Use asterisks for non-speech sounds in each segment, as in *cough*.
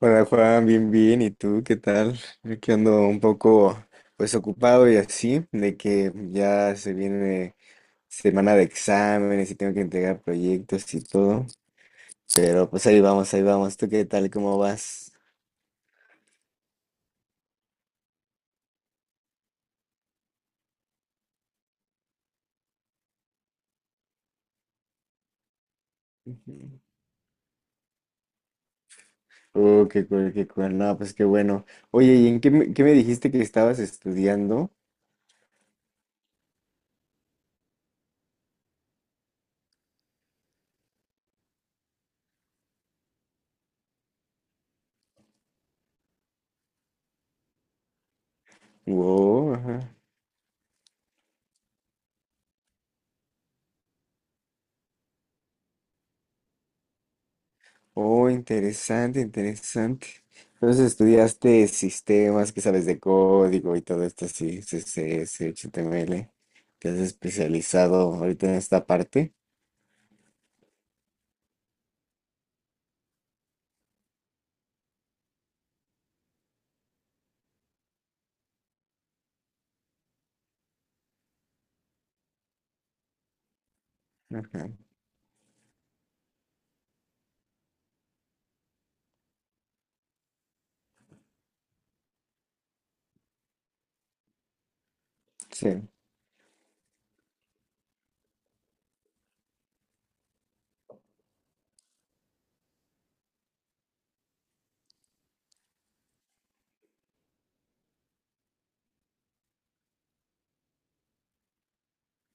Hola Juan, bien, bien. ¿Y tú qué tal? Yo que ando un poco pues ocupado y así, de que ya se viene semana de exámenes y tengo que entregar proyectos y todo. Pero pues ahí vamos, ahí vamos. ¿Tú qué tal? ¿Cómo vas? Ujú. Oh, qué cool, qué cool. No, pues qué bueno. Oye, ¿qué me dijiste que estabas estudiando? Wow, oh, interesante, interesante. Entonces estudiaste sistemas que sabes de código y todo esto, sí, CSS, HTML. Te has especializado ahorita en esta parte. Ajá. Sí,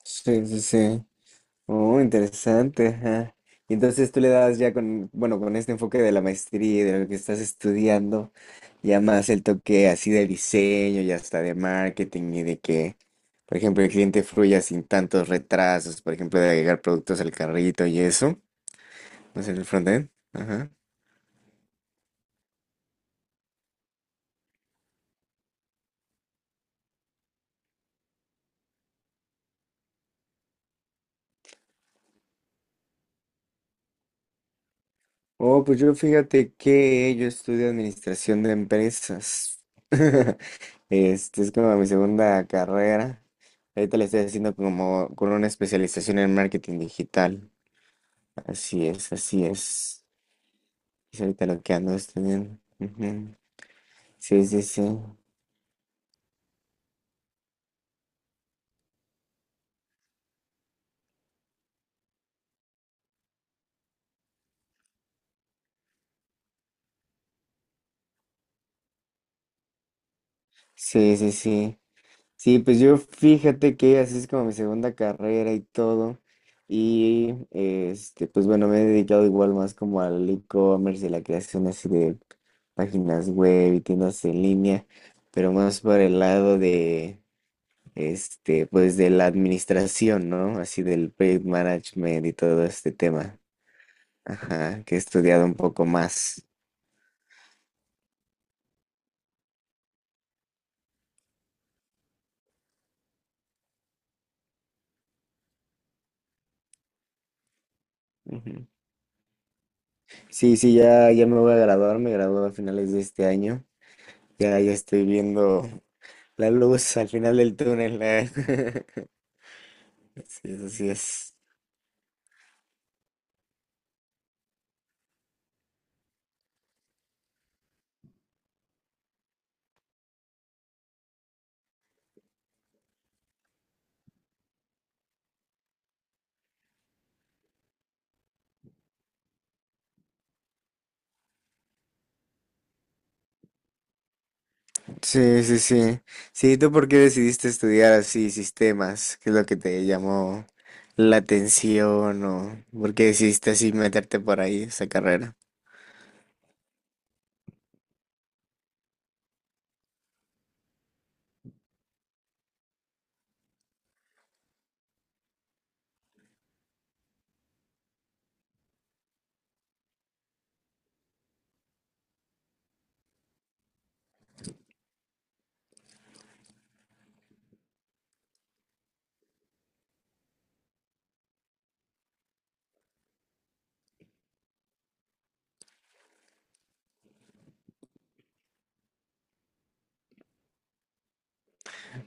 sí, sí, sí. Oh, interesante, ajá. Y entonces tú le das ya con, bueno, con este enfoque de la maestría y de lo que estás estudiando, ya más el toque así de diseño y hasta de marketing y de que, por ejemplo, el cliente fluya sin tantos retrasos, por ejemplo, de agregar productos al carrito y eso, no sé, el frontend. Ajá. Oh, pues yo fíjate que yo estudio administración de empresas. *laughs* Este es como mi segunda carrera. Ahorita le estoy haciendo como con una especialización en marketing digital. Así es, así es. Es ahorita lo que ando estudiando. Ujú. Sí, sí, sí. Sí, sí, sí. Sí, pues yo fíjate que así es como mi segunda carrera y todo. Y este, pues bueno, me he dedicado igual más como al e-commerce y la creación así de páginas web y tiendas en línea, pero más por el lado de este, pues de la administración, ¿no? Así del project management y todo este tema. Ajá, que he estudiado un poco más. Ujú. Sí, sí, ya, ya me voy a graduar, me gradúo a finales de este año. Ya, ya estoy viendo la luz al final del túnel. *laughs* Sí, así es. Sí, sí, sí. Sí, ¿tú por qué decidiste estudiar así sistemas? ¿Qué es lo que te llamó la atención o por qué decidiste así meterte por ahí esa carrera?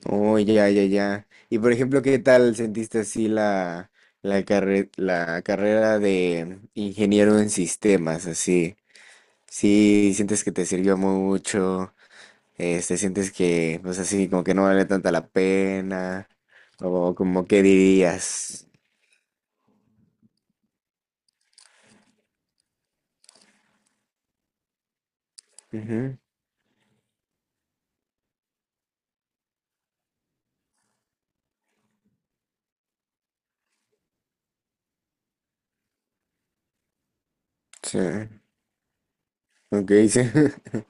Oh, ya, ya, ya. Y por ejemplo, ¿qué tal sentiste así la carrera de ingeniero en sistemas? Así, sí, sientes que te sirvió mucho, este, sientes que, pues así, como que no vale tanta la pena, o como que dirías. Ujú, sí, ok, sí. *laughs*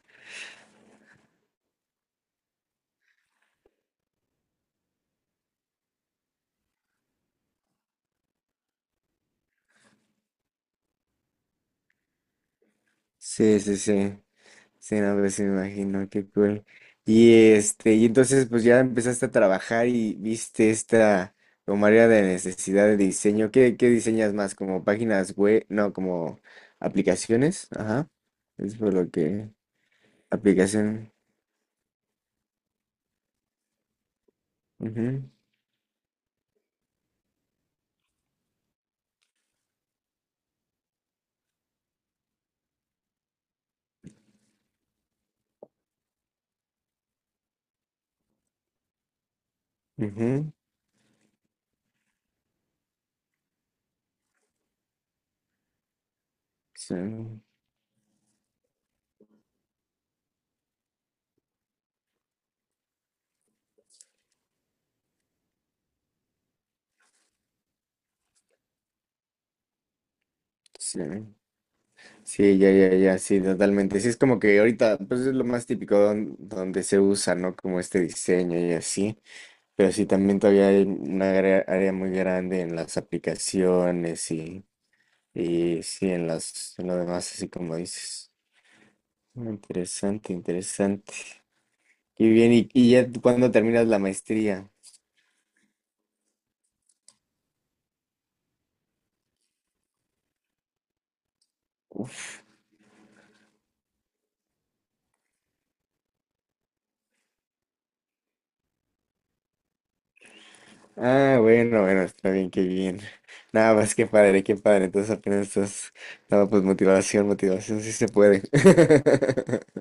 Sí, sí, sí. Sí, no, pues me imagino, qué cool. Y este, y entonces pues ya empezaste a trabajar y viste esta como área de necesidad de diseño. ¿Qué diseñas más? ¿Como páginas web? No, como aplicaciones. Ajá. Es por lo que aplicación. Ujú, ujú, sí, sí. Sí, ya, ya, ya, sí, totalmente. Sí, es como que ahorita, pues es lo más típico donde se usa, ¿no? Como este diseño y así. Pero sí, también todavía hay una área, área muy grande en las aplicaciones y sí, en las, en lo demás, así como dices. Mm, interesante, interesante. Y bien, ¿y ya tú cuándo terminas la maestría? Uf. Ah, bueno, bueno, está bien, qué bien. Nada más, qué padre, qué padre. Entonces apenas estás... No, pues motivación, motivación, sí se puede. *laughs*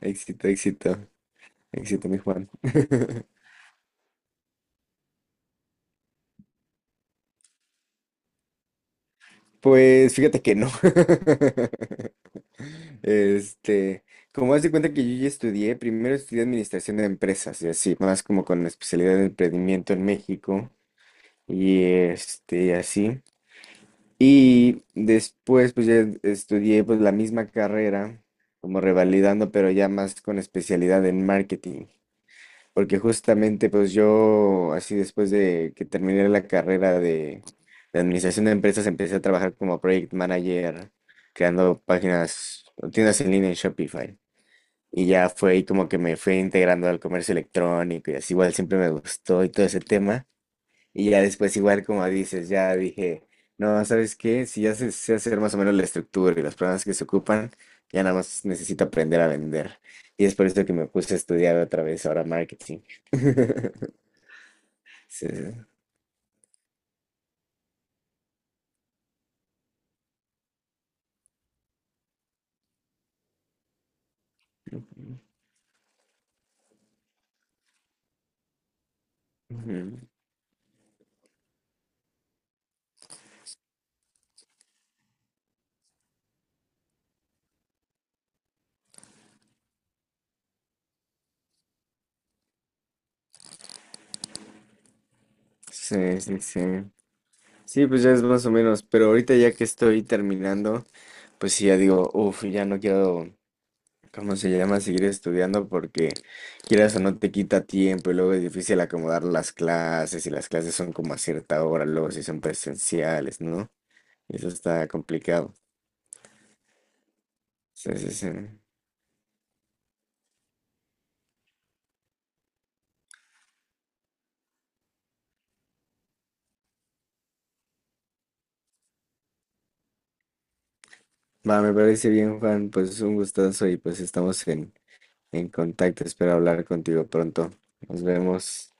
Éxito, éxito, éxito, mi Juan. *laughs* Pues fíjate que no. *laughs* Este, como haz de cuenta que yo ya estudié, primero estudié administración de empresas y así, más como con la especialidad de emprendimiento en México y este, así. Y después pues ya estudié pues la misma carrera, como revalidando, pero ya más con especialidad en marketing, porque justamente pues yo así después de que terminé la carrera de administración de empresas empecé a trabajar como project manager, creando páginas, tiendas en línea en Shopify. Y ya fue ahí como que me fui integrando al comercio electrónico y así igual siempre me gustó y todo ese tema. Y ya después igual como dices, ya dije, no, ¿sabes qué? Si ya sé, sé hacer más o menos la estructura y los programas que se ocupan, ya nada más necesito aprender a vender. Y es por eso que me puse a estudiar otra vez ahora marketing. *laughs* Sí, sí. Ujú. Sí, sí, sí. Sí, pues ya es más o menos, pero ahorita ya que estoy terminando, pues sí, ya digo, uff, ya no quiero. ¿Cómo se llama? Seguir estudiando porque quieras o no te quita tiempo y luego es difícil acomodar las clases y las clases son como a cierta hora, luego si son presenciales, ¿no? Y eso está complicado. Sí, sí, sí. Va, me parece bien, Juan, pues un gustazo y pues estamos en contacto. Espero hablar contigo pronto. Nos vemos.